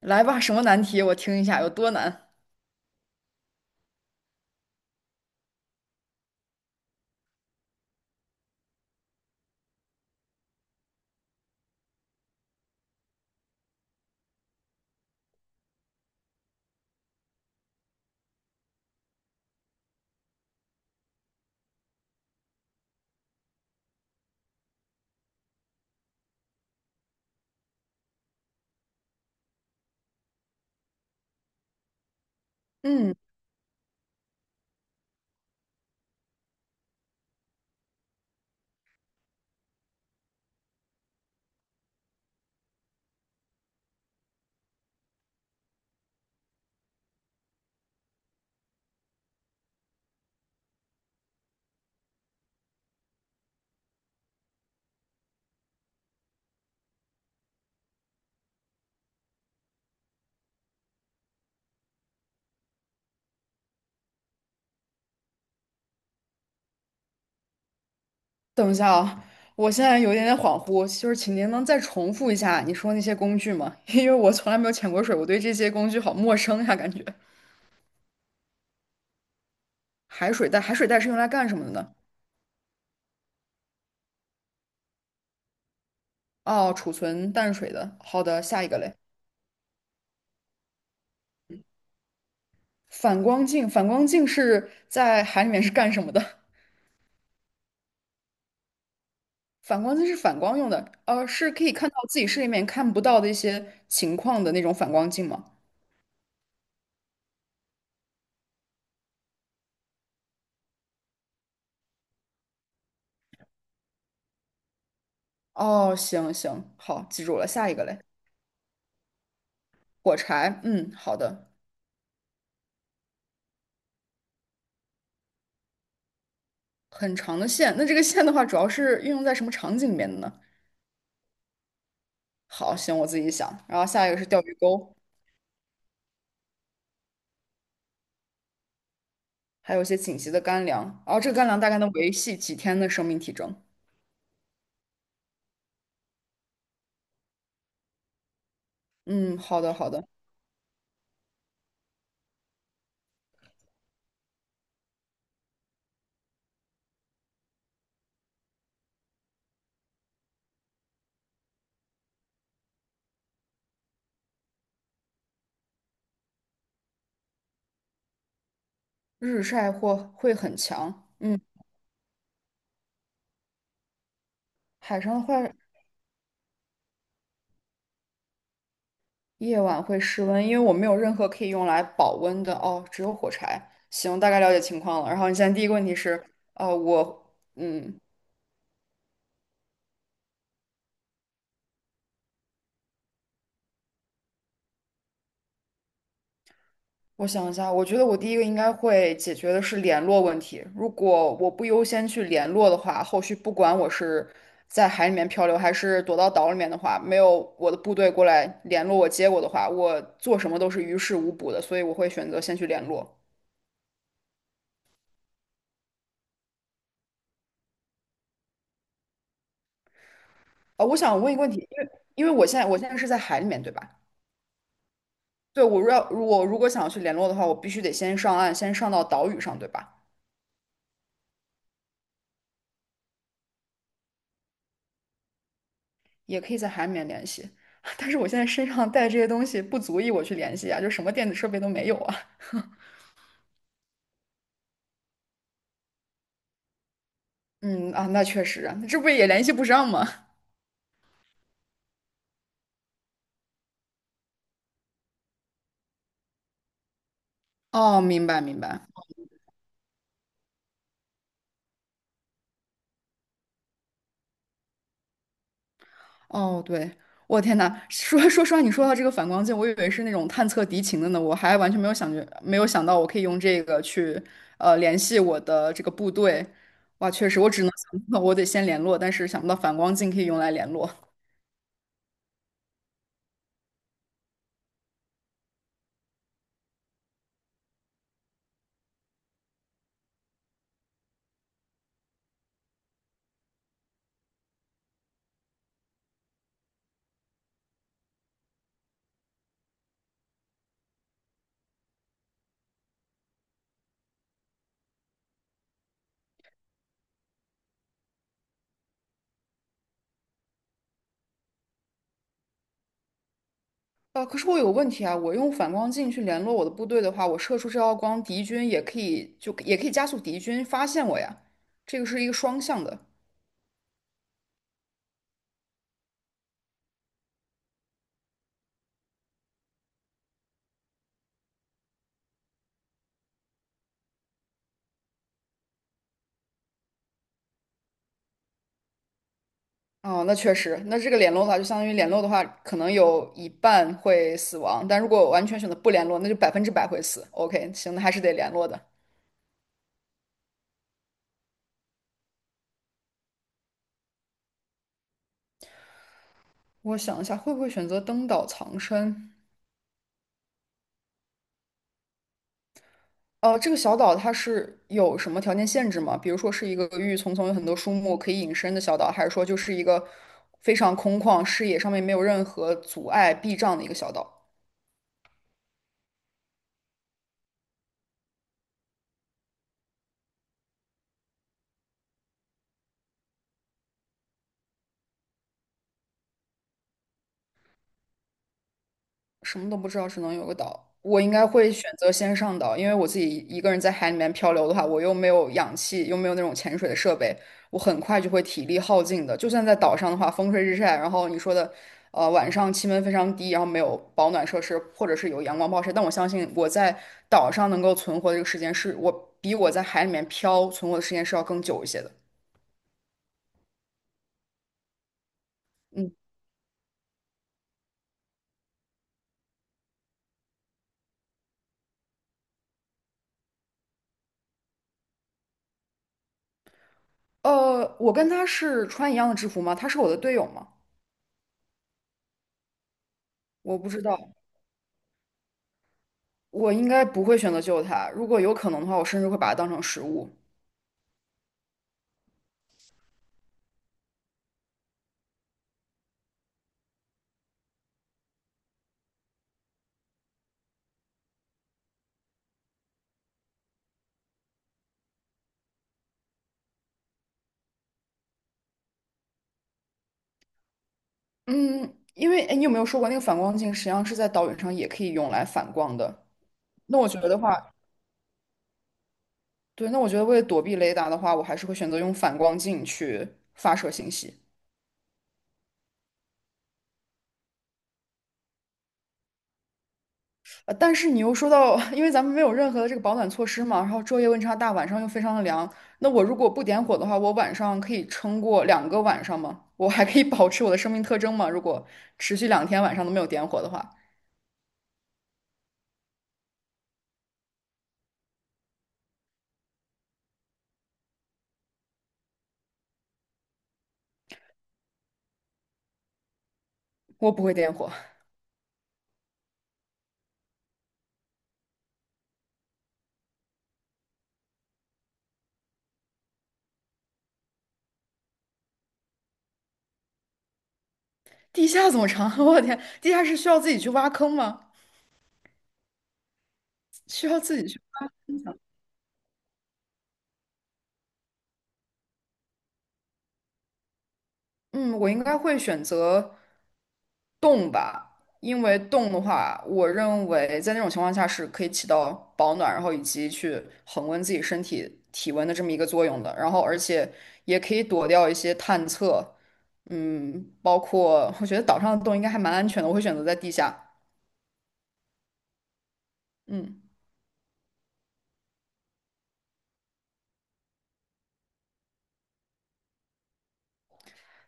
来吧，什么难题？我听一下有多难。嗯，等一下啊，我现在有一点点恍惚，就是请您能再重复一下你说那些工具吗？因为我从来没有潜过水，我对这些工具好陌生呀，感觉。海水袋，海水袋是用来干什么的呢？哦，储存淡水的。好的，下一个嘞。反光镜，反光镜是在海里面是干什么的？反光镜是反光用的，是可以看到自己视力里面看不到的一些情况的那种反光镜吗？哦，行行，好，记住了，下一个嘞。火柴，嗯，好的，很长的线。那这个线的话，主要是运用在什么场景里面的呢？好，行，我自己想。然后下一个是钓鱼钩，还有一些紧急的干粮。然后这个干粮大概能维系几天的生命体征？嗯，好的，好的。日晒或会很强，嗯，海上的话，夜晚会失温，因为我没有任何可以用来保温的哦，只有火柴。行，大概了解情况了。然后你现在第一个问题是，呃，我，嗯，我想一下，我觉得我第一个应该会解决的是联络问题。如果我不优先去联络的话，后续不管我是在海里面漂流，还是躲到岛里面的话，没有我的部队过来联络我、接我的话，我做什么都是于事无补的。所以我会选择先去联络。啊、我想问一个问题，因为我现在是在海里面，对吧？对，我如果想要去联络的话，我必须得先上岸，先上到岛屿上，对吧？也可以在海里面联系。但是我现在身上带这些东西不足以我去联系啊，就什么电子设备都没有啊。嗯啊，那确实啊，这不也联系不上吗？哦，明白明白。哦，对，我天呐，说实话，你说到这个反光镜，我以为是那种探测敌情的呢，我还完全没有想到我可以用这个去联系我的这个部队。哇，确实，我只能想到我得先联络，但是想不到反光镜可以用来联络。啊，可是我有个问题啊，我用反光镜去联络我的部队的话，我射出这道光，敌军也可以加速敌军发现我呀，这个是一个双向的。哦，那确实，那这个联络的话，就相当于联络的话，可能有一半会死亡，但如果我完全选择不联络，那就百分之百会死。OK，行，那还是得联络的。我想一下，会不会选择登岛藏身？呃，这个小岛它是有什么条件限制吗？比如说是一个郁郁葱葱、有很多树木可以隐身的小岛，还是说就是一个非常空旷、视野上面没有任何阻碍、避障的一个小岛？什么都不知道，只能有个岛。我应该会选择先上岛，因为我自己一个人在海里面漂流的话，我又没有氧气，又没有那种潜水的设备，我很快就会体力耗尽的。就算在岛上的话，风吹日晒，然后你说的，晚上气温非常低，然后没有保暖设施，或者是有阳光暴晒，但我相信我在岛上能够存活的这个时间是，我比我在海里面漂存活的时间是要更久一些的。嗯，我跟他是穿一样的制服吗？他是我的队友吗？我不知道。我应该不会选择救它，如果有可能的话，我甚至会把它当成食物。嗯，因为哎，你有没有说过那个反光镜实际上是在岛屿上也可以用来反光的？那我觉得话，对，那我觉得为了躲避雷达的话，我还是会选择用反光镜去发射信息。但是你又说到，因为咱们没有任何的这个保暖措施嘛，然后昼夜温差大，晚上又非常的凉，那我如果不点火的话，我晚上可以撑过两个晚上吗？我还可以保持我的生命特征吗？如果持续两天晚上都没有点火的话，我不会点火。地下怎么藏？我的天，地下室需要自己去挖坑吗？需要自己去挖吗？嗯，我应该会选择洞吧，因为洞的话，我认为在那种情况下是可以起到保暖，然后以及去恒温自己身体体温的这么一个作用的。然后，而且也可以躲掉一些探测，嗯，包括我觉得岛上的洞应该还蛮安全的，我会选择在地下。嗯，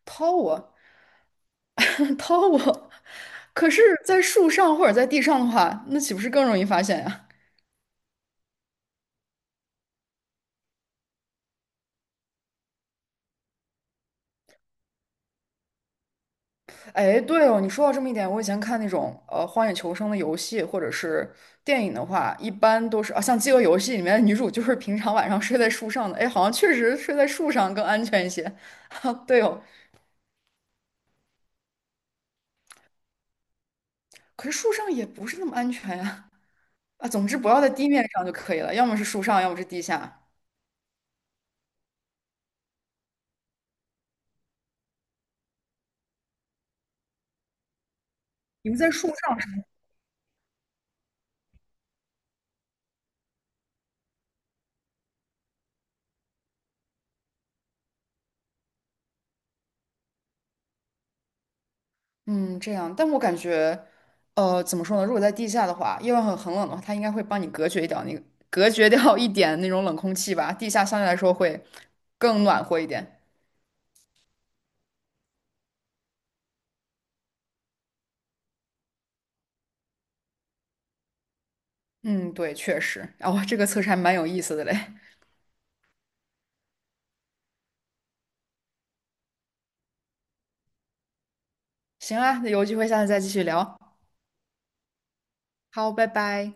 掏我，掏我。可是，在树上或者在地上的话，那岂不是更容易发现呀？哎，对哦，你说到这么一点，我以前看那种《荒野求生》的游戏或者是电影的话，一般都是啊，像《饥饿游戏》里面的女主就是平常晚上睡在树上的，哎，好像确实睡在树上更安全一些。啊，对哦，可是树上也不是那么安全呀。啊，总之不要在地面上就可以了，要么是树上，要么是地下。你们在树上。嗯，这样，但我感觉，呃，怎么说呢？如果在地下的话，夜晚很冷的话，它应该会帮你隔绝掉隔绝掉一点那种冷空气吧。地下相对来说会更暖和一点。嗯，对，确实。哦，这个测试还蛮有意思的嘞。行啊，那有机会下次再继续聊。好，拜拜。